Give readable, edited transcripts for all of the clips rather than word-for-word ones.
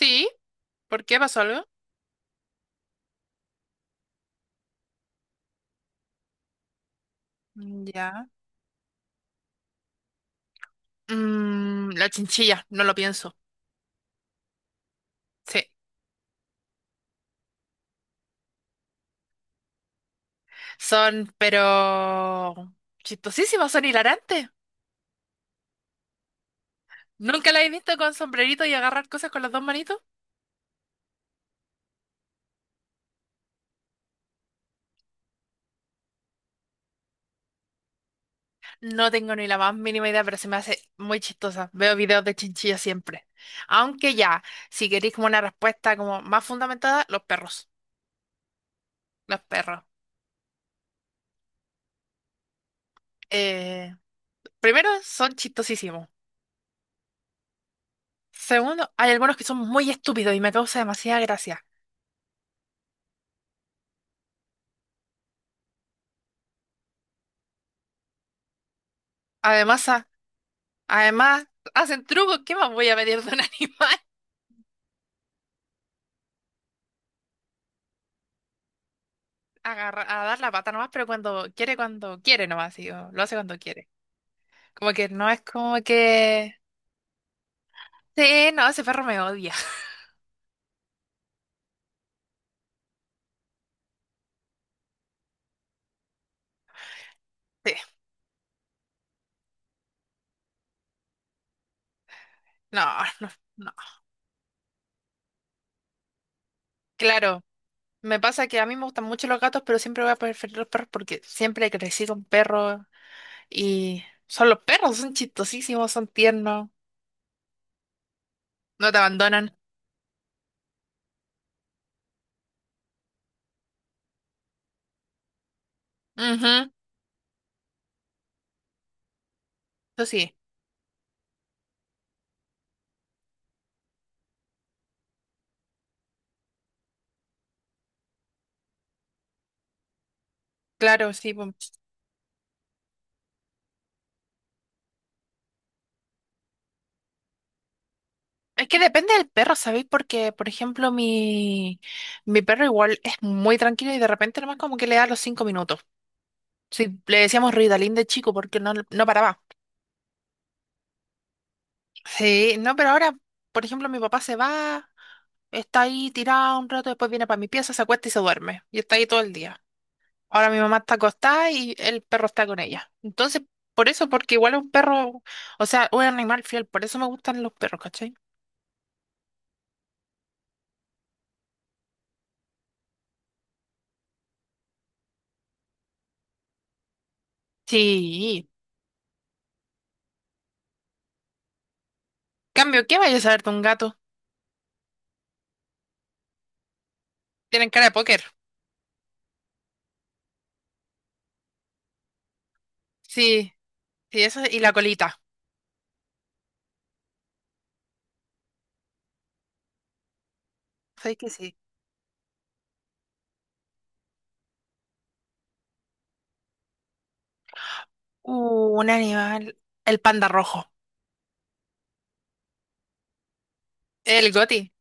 Sí, ¿por qué pasó algo? Ya. La chinchilla, no lo pienso. Sí, son, pero chistosísimas, son hilarantes. ¿Nunca la he visto con sombrerito y agarrar cosas con las dos manitos? No tengo ni la más mínima idea, pero se me hace muy chistosa. Veo videos de chinchilla siempre. Aunque ya, si queréis como una respuesta como más fundamentada, los perros. Los perros. Eh, primero, son chistosísimos. Segundo, hay algunos que son muy estúpidos y me causa demasiada gracia. Además, Además, hacen trucos, ¿qué más voy a pedir de un animal? A dar la pata nomás, pero cuando quiere nomás, sí, o lo hace cuando quiere. Como que no es como que... Sí, no, ese perro me odia. Sí, no, no, no. Claro, me pasa que a mí me gustan mucho los gatos, pero siempre voy a preferir los perros porque siempre crecí con perros y son los perros, son chistosísimos, son tiernos, no te abandonan. Ujú. Eso sí, claro, sí, pues. Es que depende del perro, ¿sabéis? Porque, por ejemplo, mi perro igual es muy tranquilo y de repente nomás como que le da los 5 minutos. Sí, le decíamos Ritalin de chico porque no paraba. Sí, no, pero ahora, por ejemplo, mi papá se va, está ahí tirado un rato, después viene para mi pieza, se acuesta y se duerme. Y está ahí todo el día. Ahora mi mamá está acostada y el perro está con ella. Entonces, por eso, porque igual es un perro, o sea, un animal fiel, por eso me gustan los perros, ¿cachai? Sí. Cambio, ¿qué vayas a saber de un gato? Tienen cara de póker. Sí, sí, eso y la colita. ¿Sabes que sí? Un animal. El panda rojo. El goti.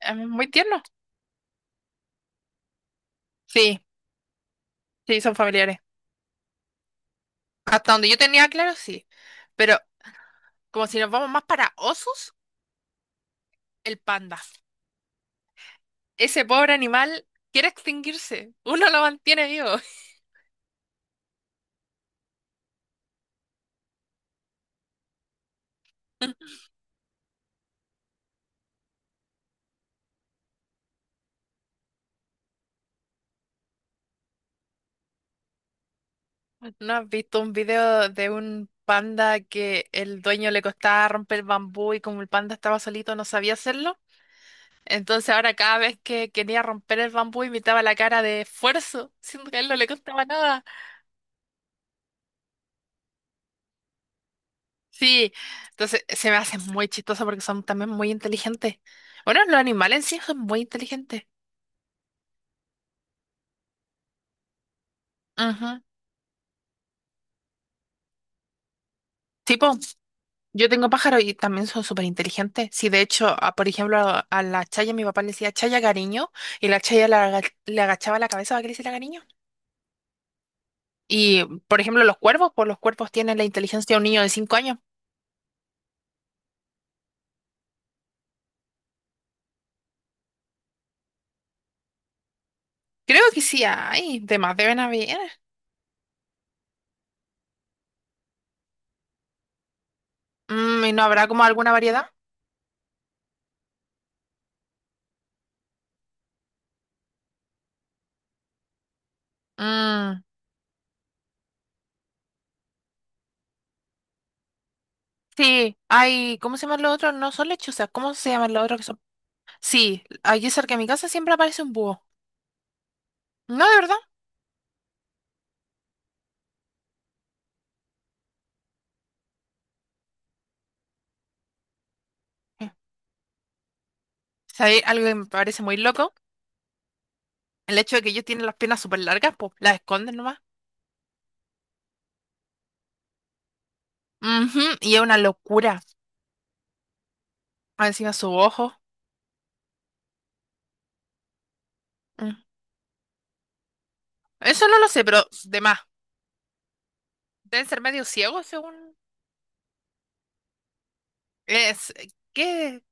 Es muy tierno. Sí, sí, son familiares. Hasta donde yo tenía claro, sí. Pero como si nos vamos más para osos, el panda. Ese pobre animal quiere extinguirse. Uno lo mantiene vivo. ¿No has visto un video de un panda que el dueño le costaba romper el bambú y como el panda estaba solito no sabía hacerlo? Entonces ahora cada vez que quería romper el bambú imitaba la cara de esfuerzo, siendo que a él no le costaba nada. Sí, entonces se me hace muy chistoso porque son también muy inteligentes. Bueno, los animales en sí son muy inteligentes. Ujú. Tipo, yo tengo pájaros y también son súper inteligentes. Sí, de hecho, por ejemplo, a la Chaya mi papá le decía Chaya cariño y la Chaya le agachaba la cabeza para que le hiciera cariño. Y, por ejemplo, los cuervos, pues los cuervos tienen la inteligencia de un niño de 5 años. Creo que sí hay, de más deben haber. Mm, ¿y no habrá como alguna variedad? Mm, sí, hay, ¿cómo se llaman los otros? No son lechuzas, ¿cómo se llaman los otros que son? Sí, allí cerca de mi casa siempre aparece un búho. No, de verdad. Eh, ¿Sabéis algo que me parece muy loco? El hecho de que ellos tienen las piernas súper largas, pues las esconden nomás. Ujú, y es una locura. Ah, encima su ojo. Mm. Eso no lo sé, pero de más. Deben ser medio ciegos según... ¿qué?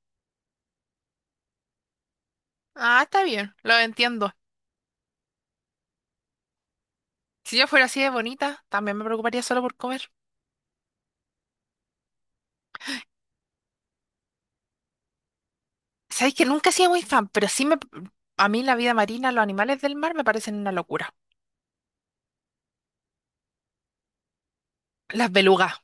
Ah, está bien, lo entiendo. Si yo fuera así de bonita, también me preocuparía solo por comer. Sabéis que nunca he sido muy fan, pero sí me, a mí la vida marina, los animales del mar me parecen una locura. Las belugas.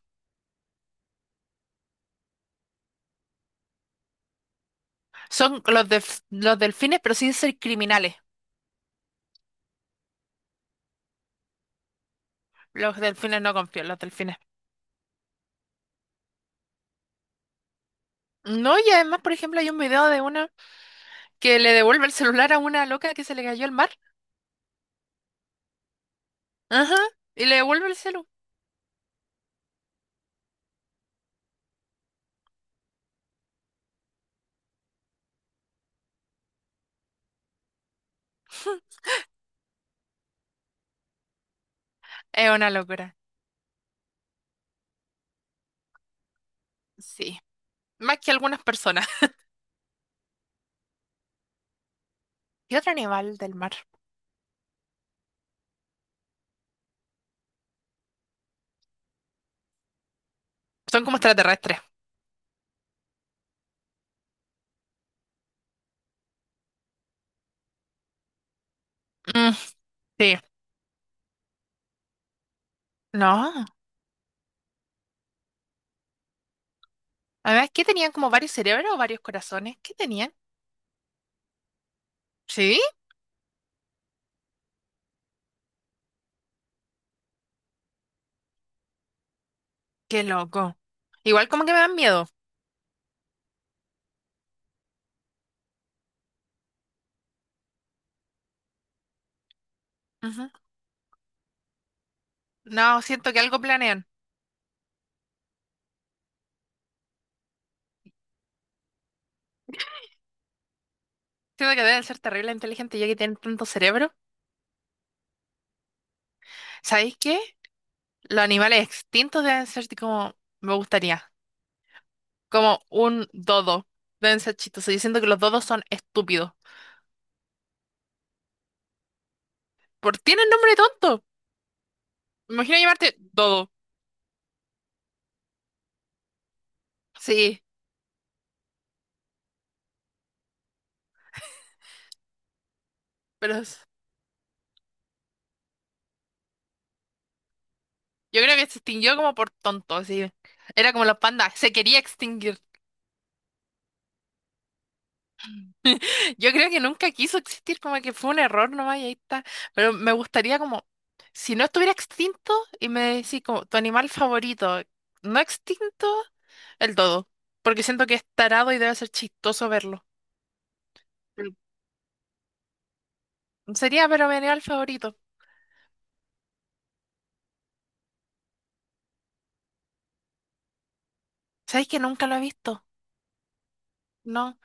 Son los, los delfines, pero sin ser criminales. Los delfines no confío, en los delfines. No, y además, por ejemplo, hay un video de una que le devuelve el celular a una loca que se le cayó al mar. Ajá. Y le devuelve el celular. Es una locura. Sí. Más que algunas personas. ¿Y otro animal del mar? Son como extraterrestres. Mm, sí. No. Además, ¿qué tenían como varios cerebros o varios corazones? ¿Qué tenían? Sí. Qué loco. Igual como que me dan miedo. Ujú. No, siento que algo planean. Siento que deben ser terrible inteligentes ya que tienen tanto cerebro. ¿Sabéis qué? Los animales extintos deben ser como me gustaría. Como un dodo. Deben ser chistosos. Yo siento que los dodos son estúpidos. Por tienen nombre tonto. Me imagino llamarte dodo. Sí, pero yo creo que se extinguió como por tonto, así. Era como los pandas. Se quería extinguir. Yo creo que nunca quiso existir, como que fue un error nomás y ahí está. Pero me gustaría como, si no estuviera extinto y me decís como tu animal favorito, no extinto, el dodo. Porque siento que es tarado y debe ser chistoso verlo. El- Sería, pero mi animal favorito. ¿Sabéis que nunca lo he visto? No.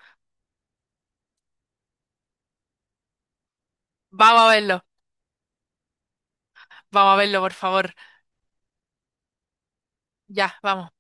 Vamos a verlo. Vamos a verlo, por favor. Ya, vamos.